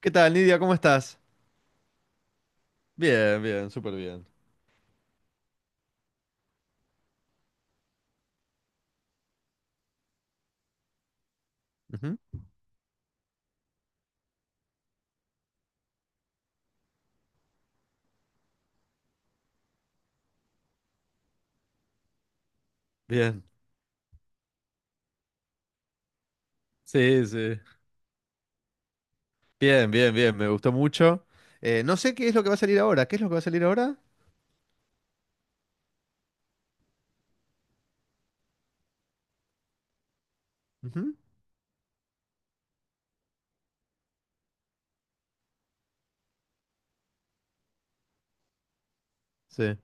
¿Qué tal, Nidia? ¿Cómo estás? Bien, bien, súper bien. Ujú. Bien, sí, sí. Bien, bien, bien, me gustó mucho. No sé qué es lo que va a salir ahora. ¿Qué es lo que va a salir ahora? Ujú. Sí.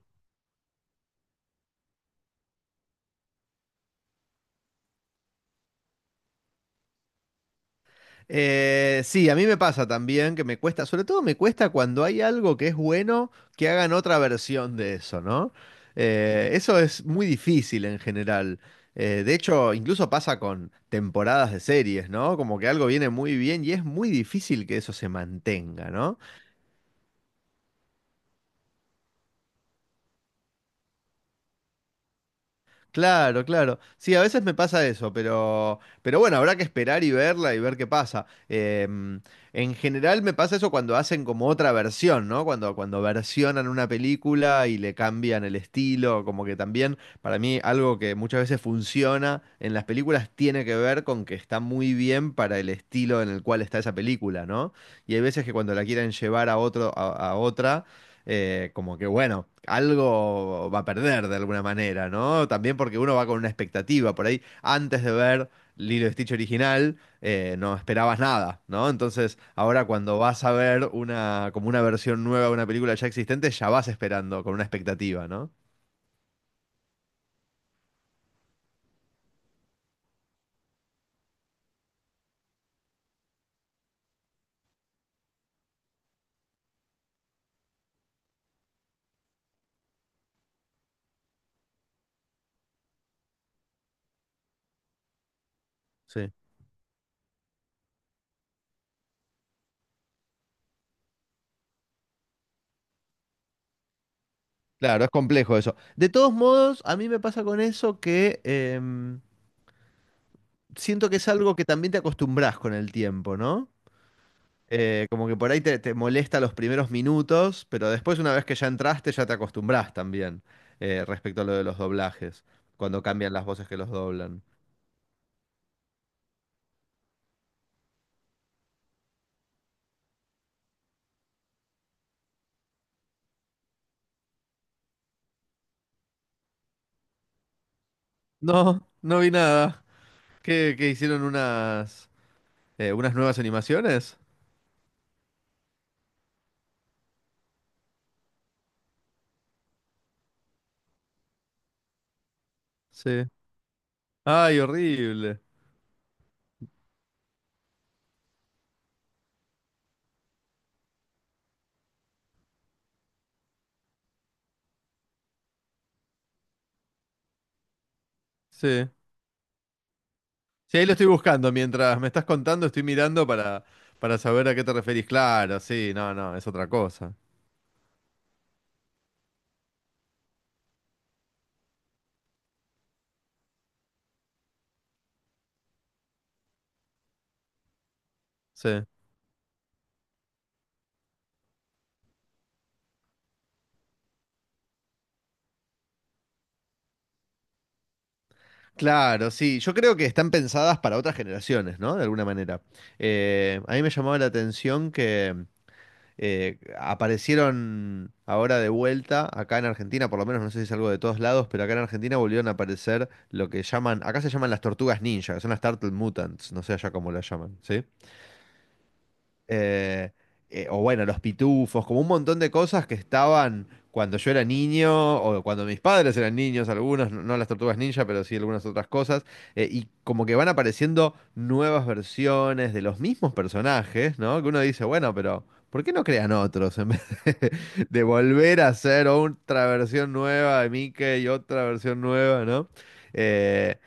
Sí, a mí me pasa también que me cuesta, sobre todo me cuesta cuando hay algo que es bueno, que hagan otra versión de eso, ¿no? Eso es muy difícil en general. De hecho, incluso pasa con temporadas de series, ¿no? Como que algo viene muy bien y es muy difícil que eso se mantenga, ¿no? Claro, claro. Sí, a veces me pasa eso, pero, bueno, habrá que esperar y verla y ver qué pasa. En general me pasa eso cuando hacen como otra versión, ¿no? Cuando versionan una película y le cambian el estilo, como que también para mí algo que muchas veces funciona en las películas tiene que ver con que está muy bien para el estilo en el cual está esa película, ¿no? Y hay veces que cuando la quieren llevar a otro, a otra como que bueno, algo va a perder de alguna manera, ¿no? También porque uno va con una expectativa por ahí. Antes de ver Lilo y Stitch original, no esperabas nada, ¿no? Entonces, ahora cuando vas a ver una, como una versión nueva de una película ya existente, ya vas esperando con una expectativa, ¿no? Sí. Claro, es complejo eso. De todos modos, a mí me pasa con eso que siento que es algo que también te acostumbras con el tiempo, ¿no? Como que por ahí te, te molesta los primeros minutos, pero después una vez que ya entraste ya te acostumbras también respecto a lo de los doblajes, cuando cambian las voces que los doblan. No, no vi nada. ¿Qué, qué hicieron unas, unas nuevas animaciones? Sí. Ay, horrible. Sí. Sí, ahí lo estoy buscando. Mientras me estás contando, estoy mirando para saber a qué te referís. Claro, sí, no, no, es otra cosa. Sí. Claro, sí. Yo creo que están pensadas para otras generaciones, ¿no? De alguna manera. A mí me llamaba la atención que aparecieron ahora de vuelta, acá en Argentina, por lo menos no sé si es algo de todos lados, pero acá en Argentina volvieron a aparecer lo que llaman, acá se llaman las tortugas ninja, que son las Turtle Mutants, no sé allá cómo las llaman, ¿sí? Eh, o bueno, los pitufos, como un montón de cosas que estaban cuando yo era niño o cuando mis padres eran niños, algunos, no, no las tortugas ninja, pero sí algunas otras cosas, y como que van apareciendo nuevas versiones de los mismos personajes, ¿no? Que uno dice, bueno, pero ¿por qué no crean otros en vez de, de volver a hacer otra versión nueva de Mickey y otra versión nueva, ¿no? Eh,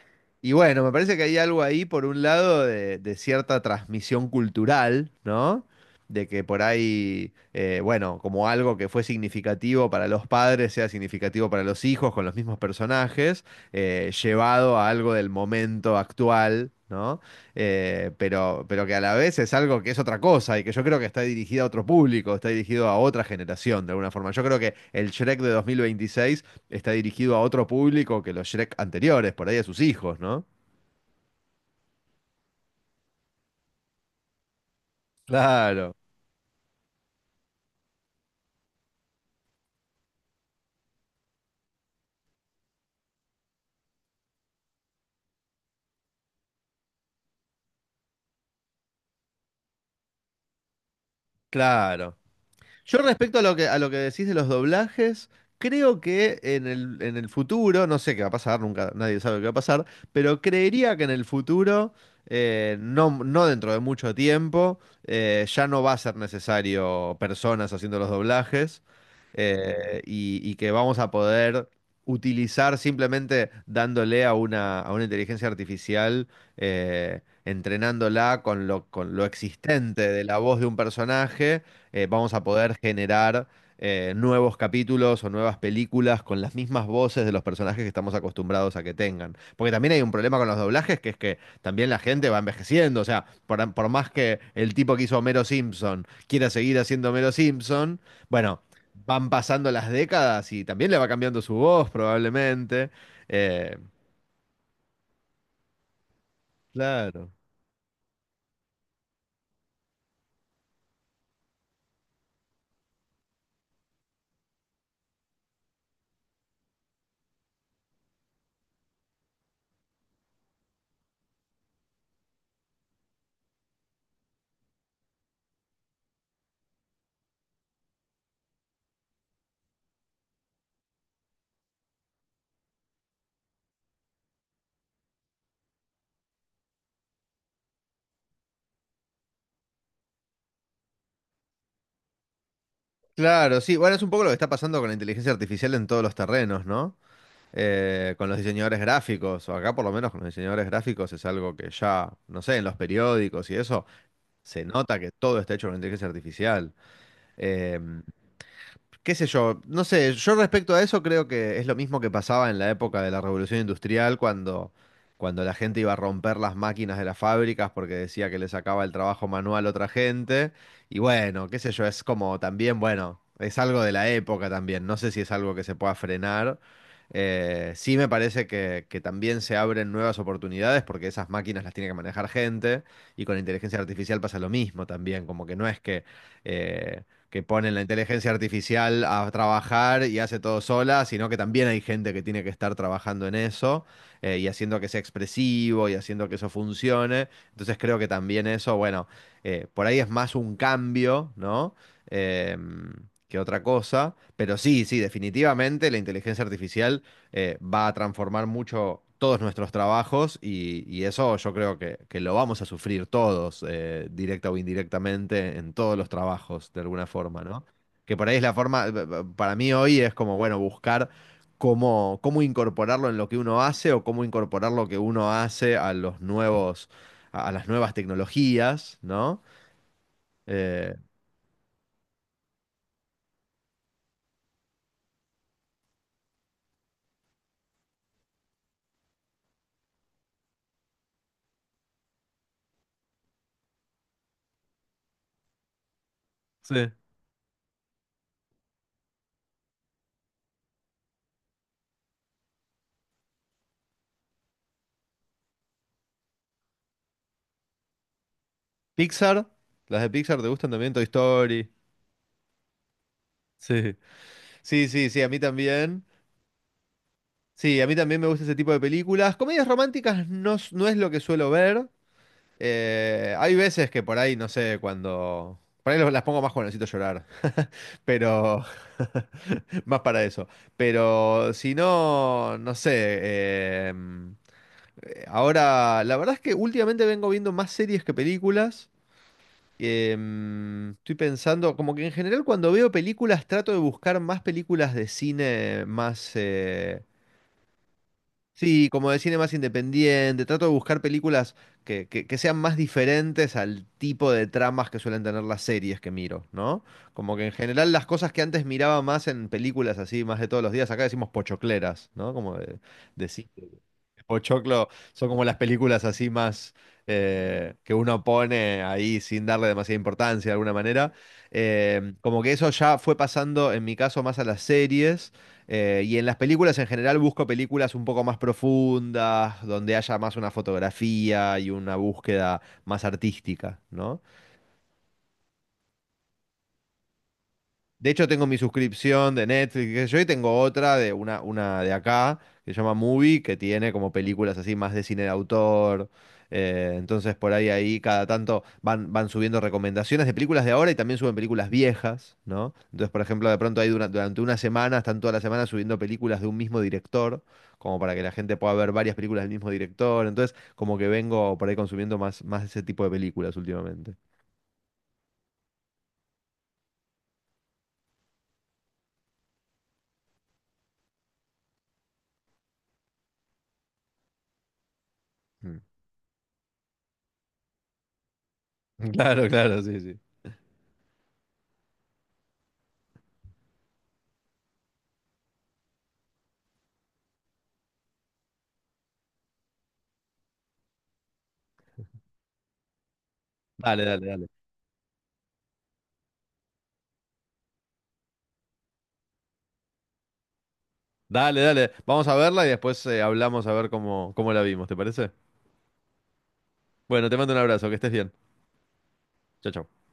y bueno, me parece que hay algo ahí, por un lado, de cierta transmisión cultural, ¿no? De que por ahí, bueno, como algo que fue significativo para los padres, sea significativo para los hijos, con los mismos personajes, llevado a algo del momento actual, ¿no? Pero, que a la vez es algo que es otra cosa y que yo creo que está dirigida a otro público, está dirigido a otra generación, de alguna forma. Yo creo que el Shrek de 2026 está dirigido a otro público que los Shrek anteriores, por ahí a sus hijos, ¿no? Claro, claro. Yo respecto a lo que decís de los doblajes, creo que en el futuro, no sé qué va a pasar, nunca nadie sabe qué va a pasar, pero creería que en el futuro, no, no dentro de mucho tiempo, ya no va a ser necesario personas haciendo los doblajes y que vamos a poder utilizar simplemente dándole a una inteligencia artificial. Entrenándola con lo existente de la voz de un personaje vamos a poder generar nuevos capítulos o nuevas películas con las mismas voces de los personajes que estamos acostumbrados a que tengan. Porque también hay un problema con los doblajes, que es que también la gente va envejeciendo. O sea, por más que el tipo que hizo Homero Simpson quiera seguir haciendo Homero Simpson, bueno, van pasando las décadas y también le va cambiando su voz probablemente. Eh, claro. Claro, sí. Bueno, es un poco lo que está pasando con la inteligencia artificial en todos los terrenos, ¿no? Con los diseñadores gráficos, o acá por lo menos con los diseñadores gráficos es algo que ya, no sé, en los periódicos y eso, se nota que todo está hecho con inteligencia artificial. Eh, Qué sé yo, no sé, yo respecto a eso creo que es lo mismo que pasaba en la época de la Revolución Industrial cuando, cuando la gente iba a romper las máquinas de las fábricas porque decía que le sacaba el trabajo manual a otra gente. Y bueno, qué sé yo, es como también, bueno, es algo de la época también, no sé si es algo que se pueda frenar. Sí me parece que también se abren nuevas oportunidades porque esas máquinas las tiene que manejar gente y con inteligencia artificial pasa lo mismo también, como que no es eh, que ponen la inteligencia artificial a trabajar y hace todo sola, sino que también hay gente que tiene que estar trabajando en eso y haciendo que sea expresivo y haciendo que eso funcione. Entonces creo que también eso, bueno, por ahí es más un cambio, ¿no? Em, que otra cosa, pero sí, sí, definitivamente la inteligencia artificial va a transformar mucho todos nuestros trabajos y eso yo creo que lo vamos a sufrir todos, directa o indirectamente, en todos los trabajos, de alguna forma, ¿no? Que por ahí es la forma, para mí hoy es como, bueno, buscar cómo, cómo incorporarlo en lo que uno hace o cómo incorporar lo que uno hace a los nuevos, a las nuevas tecnologías, ¿no? Eh, sí, Pixar, las de Pixar te gustan también, Toy Story. Sí. Sí, sí, sí, a mí también. Sí, a mí también me gusta ese tipo de películas. Comedias románticas no, s- no es lo que suelo ver. Hay veces que por ahí, no sé, cuando... Por ahí lo- las pongo más cuando necesito llorar, pero... más para eso. Pero si no, no sé. eh, Ahora, la verdad es que últimamente vengo viendo más series que películas. Estoy pensando, como que en general cuando veo películas trato de buscar más películas de cine más... sí, como de cine más independiente, trato de buscar películas que, que sean más diferentes al tipo de tramas que suelen tener las series que miro, ¿no? Como que en general las cosas que antes miraba más en películas así, más de todos los días, acá decimos pochocleras, ¿no? Como de cine. Pochoclo son como las películas así más que uno pone ahí sin darle demasiada importancia de alguna manera. Como que eso ya fue pasando en mi caso más a las series y en las películas en general busco películas un poco más profundas, donde haya más una fotografía y una búsqueda más artística, ¿no? De hecho, tengo mi suscripción de Netflix, qué sé yo, y tengo otra de una de acá, que se llama Movie, que tiene como películas así más de cine de autor. Entonces, por ahí, ahí, cada tanto van, van subiendo recomendaciones de películas de ahora y también suben películas viejas, ¿no? Entonces, por ejemplo, de pronto ahí dura- durante una semana, están toda la semana subiendo películas de un mismo director, como para que la gente pueda ver varias películas del mismo director. Entonces, como que vengo por ahí consumiendo más, más ese tipo de películas últimamente. Mm. Claro, claro, sí, sí. Dale, dale, dale. Dale, dale. Vamos a verla y después hablamos a ver cómo, cómo la vimos, ¿te parece? Bueno, te mando un abrazo, que estés bien. Chao, chao.